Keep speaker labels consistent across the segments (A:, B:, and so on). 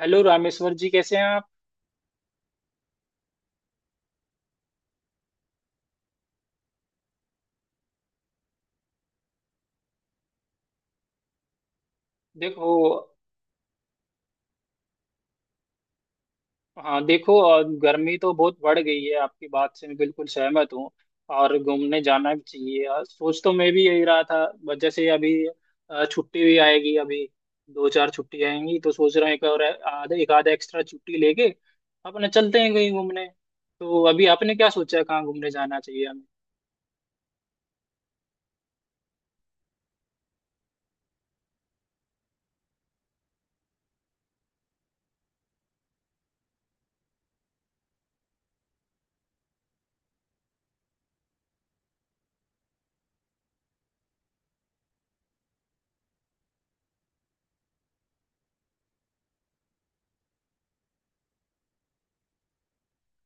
A: Hello Rameshwar ji, कैसे हैं आप? देखो। हाँ देखो, और गर्मी तो बहुत बढ़ गई है, आपकी बात से मैं बिल्कुल सहमत हूँ। और घूमने जाना भी चाहिए यार, सोच तो मैं भी यही रहा था, बट जैसे अभी छुट्टी भी आएगी अभी। दो चार छुट्टी आएंगी तो सोच रहा हूँ एक और आधा, एक आधा एक्स्ट्रा छुट्टी लेके अपने चलते हैं कहीं घूमने। तो अभी आपने क्या सोचा है कहाँ घूमने जाना चाहिए?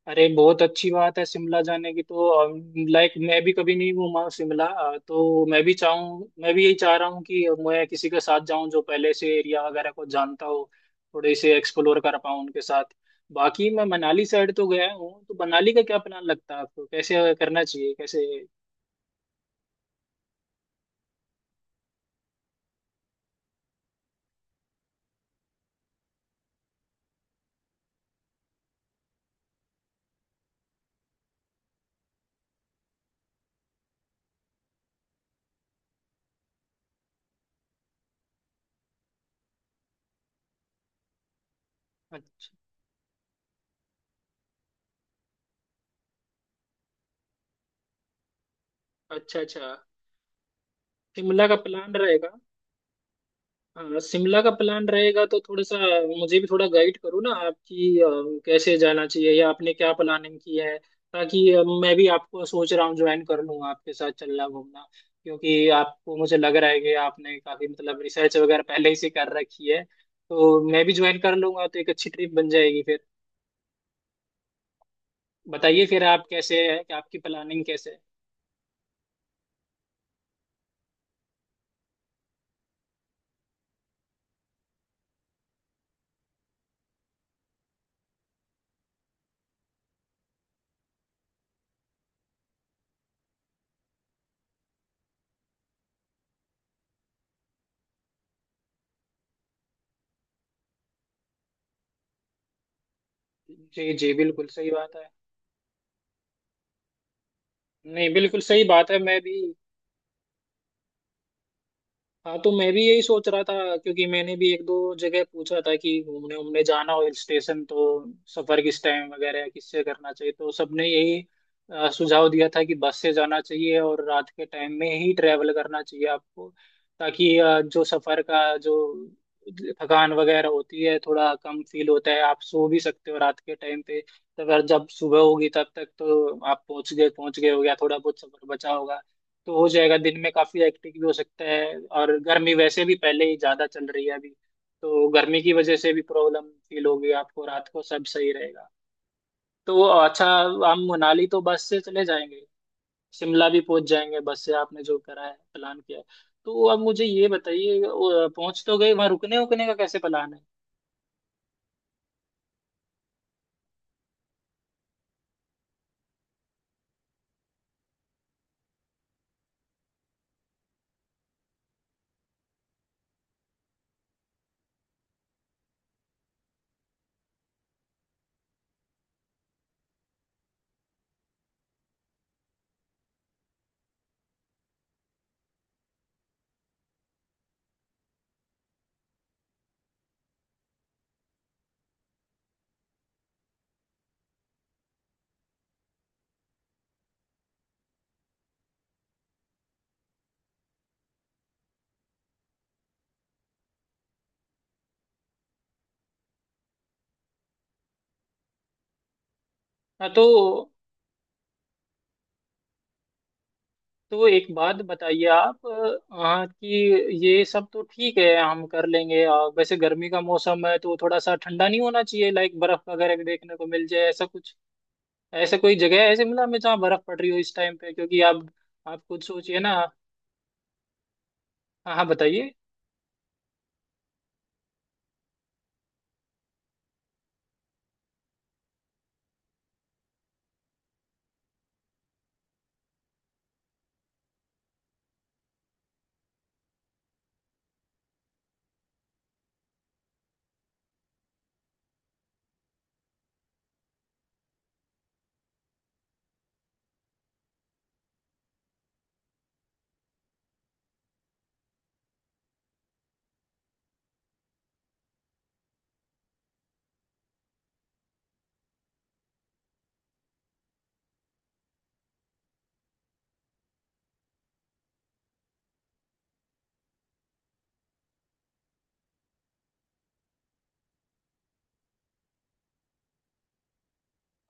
A: अरे बहुत अच्छी बात है शिमला जाने की, तो लाइक मैं भी कभी नहीं घूमा हूँ शिमला। तो मैं भी यही चाह रहा हूँ कि मैं किसी के साथ जाऊँ जो पहले से एरिया वगैरह को जानता हो, थोड़े से एक्सप्लोर कर पाऊँ उनके साथ। बाकी मैं मनाली साइड तो गया हूँ, तो मनाली का क्या प्लान लगता है आपको, कैसे करना चाहिए कैसे? अच्छा अच्छा। अच्छा शिमला का प्लान रहेगा। हाँ शिमला का प्लान रहेगा तो थोड़ा सा मुझे भी थोड़ा गाइड करो ना, आपकी कैसे जाना चाहिए या आपने क्या प्लानिंग की है? ताकि मैं भी, आपको सोच रहा हूँ ज्वाइन कर लूँ आपके साथ चलना घूमना। क्योंकि आपको, मुझे लग रहा है कि आपने काफी मतलब रिसर्च वगैरह पहले से कर रखी है, तो मैं भी ज्वाइन कर लूंगा तो एक अच्छी ट्रिप बन जाएगी फिर। बताइए फिर आप कैसे है, कि आपकी प्लानिंग कैसे है? जी जी बिल्कुल सही बात है। नहीं बिल्कुल सही बात है मैं भी। हाँ तो मैं भी यही सोच रहा था, क्योंकि मैंने भी एक दो जगह पूछा था कि घूमने उमने जाना हो हिल स्टेशन तो सफर किस टाइम वगैरह किससे करना चाहिए, तो सबने यही सुझाव दिया था कि बस से जाना चाहिए और रात के टाइम में ही ट्रैवल करना चाहिए आपको। ताकि जो सफर का जो थकान वगैरह होती है थोड़ा कम फील होता है, आप सो भी सकते हो रात के टाइम पे, तो अगर जब सुबह होगी तब तक तो आप पहुंच गए हो गया, थोड़ा बहुत सफर बचा होगा। तो हो जाएगा, दिन में काफी एक्टिव भी हो सकता है, और गर्मी वैसे भी पहले ही ज्यादा चल रही है अभी। तो गर्मी की वजह से भी प्रॉब्लम फील होगी, आपको रात को सब सही रहेगा। तो अच्छा, हम मनाली तो बस से चले जाएंगे, शिमला भी पहुंच जाएंगे बस से, आपने जो करा है प्लान किया है। तो अब मुझे ये बताइए, वो पहुंच तो गए, वहां रुकने उकने का कैसे प्लान है? हाँ। तो एक बात बताइए आप। हाँ कि ये सब तो ठीक है हम कर लेंगे, वैसे गर्मी का मौसम है तो थोड़ा सा ठंडा नहीं होना चाहिए? लाइक बर्फ वगैरह भी देखने को मिल जाए ऐसा कुछ, ऐसा कोई जगह है ऐसे मिला में जहाँ बर्फ पड़ रही हो इस टाइम पे? क्योंकि आप खुद सोचिए ना। हाँ हाँ बताइए।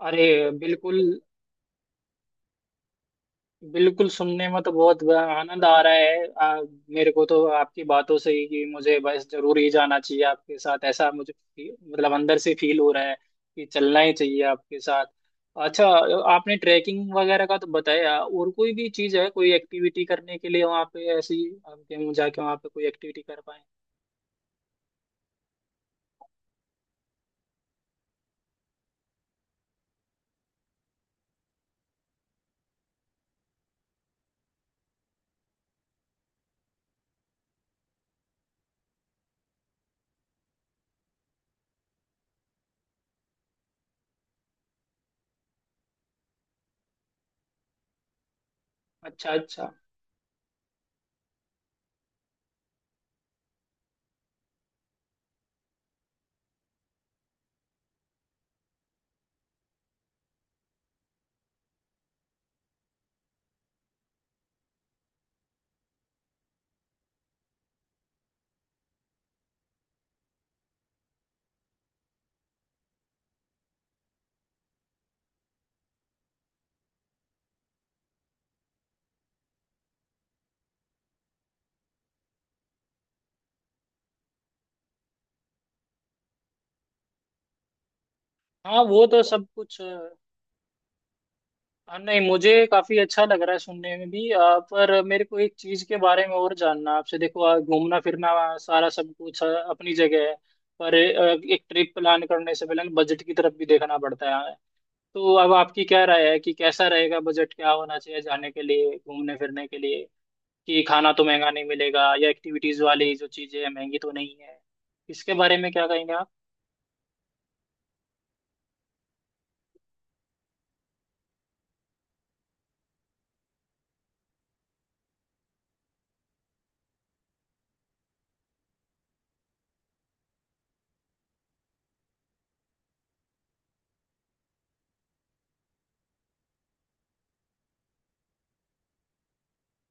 A: अरे बिल्कुल, बिल्कुल सुनने में तो बहुत आनंद आ रहा है। मेरे को तो आपकी बातों से ही कि मुझे बस जरूर ही जाना चाहिए आपके साथ, ऐसा मुझे मतलब अंदर से फील हो रहा है कि चलना ही चाहिए आपके साथ। अच्छा, आपने ट्रैकिंग वगैरह का तो बताया, और कोई भी चीज़ है कोई एक्टिविटी करने के लिए वहाँ पे ऐसी, आप जाके वहाँ पे कोई एक्टिविटी कर पाए? अच्छा अच्छा। हाँ वो तो सब कुछ। हाँ नहीं, मुझे काफी अच्छा लग रहा है सुनने में भी, पर मेरे को एक चीज के बारे में और जानना है आपसे। देखो घूमना फिरना, सारा सब कुछ अपनी जगह है, पर एक ट्रिप प्लान करने से पहले बजट की तरफ भी देखना पड़ता है। तो अब आपकी क्या राय है, कि कैसा रहेगा, बजट क्या होना चाहिए जाने के लिए घूमने फिरने के लिए, कि खाना तो महंगा नहीं मिलेगा, या एक्टिविटीज वाली जो चीजें हैं महंगी तो नहीं है, इसके बारे में क्या कहेंगे आप?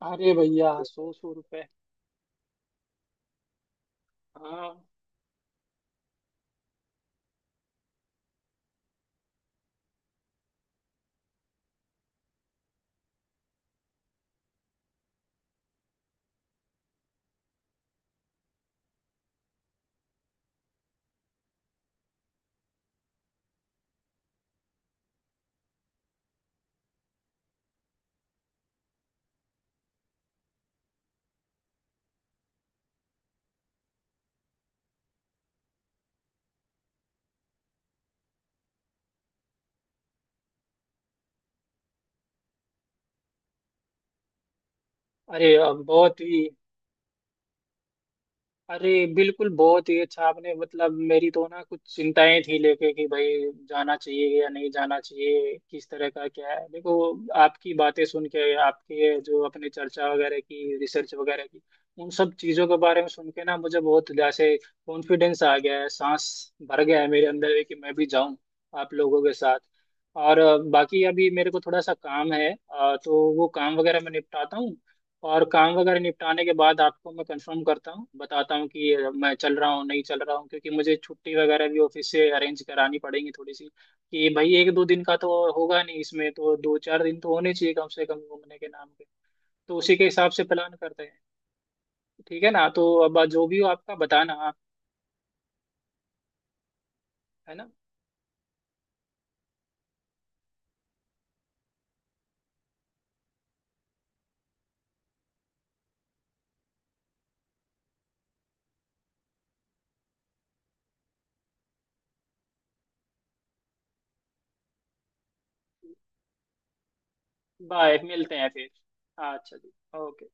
A: अरे भैया, सौ सौ रुपये! हाँ। अरे अब बहुत ही, अरे बिल्कुल बहुत ही अच्छा आपने, मतलब मेरी तो ना कुछ चिंताएं थी लेके कि भाई जाना चाहिए या नहीं जाना चाहिए, किस तरह का क्या है। देखो आपकी बातें सुन के, आपकी ये जो अपने चर्चा वगैरह की, रिसर्च वगैरह की, उन सब चीज़ों के बारे में सुन के ना मुझे बहुत जैसे कॉन्फिडेंस आ गया है, सांस भर गया है मेरे अंदर कि मैं भी जाऊं आप लोगों के साथ। और बाकी अभी मेरे को थोड़ा सा काम है, तो वो काम वगैरह मैं निपटाता हूँ, और काम वगैरह निपटाने के बाद आपको मैं कंफर्म करता हूँ बताता हूँ कि मैं चल रहा हूँ नहीं चल रहा हूँ, क्योंकि मुझे छुट्टी वगैरह भी ऑफिस से अरेंज करानी पड़ेगी थोड़ी सी, कि भाई एक दो दिन का तो होगा नहीं, इसमें तो दो चार दिन तो होने चाहिए कम से कम घूमने के नाम पे। तो उसी के हिसाब से प्लान करते हैं। ठीक है ना, तो अब जो भी हो आपका बताना, आप है ना। बाय, मिलते हैं फिर। अच्छा जी। ओके।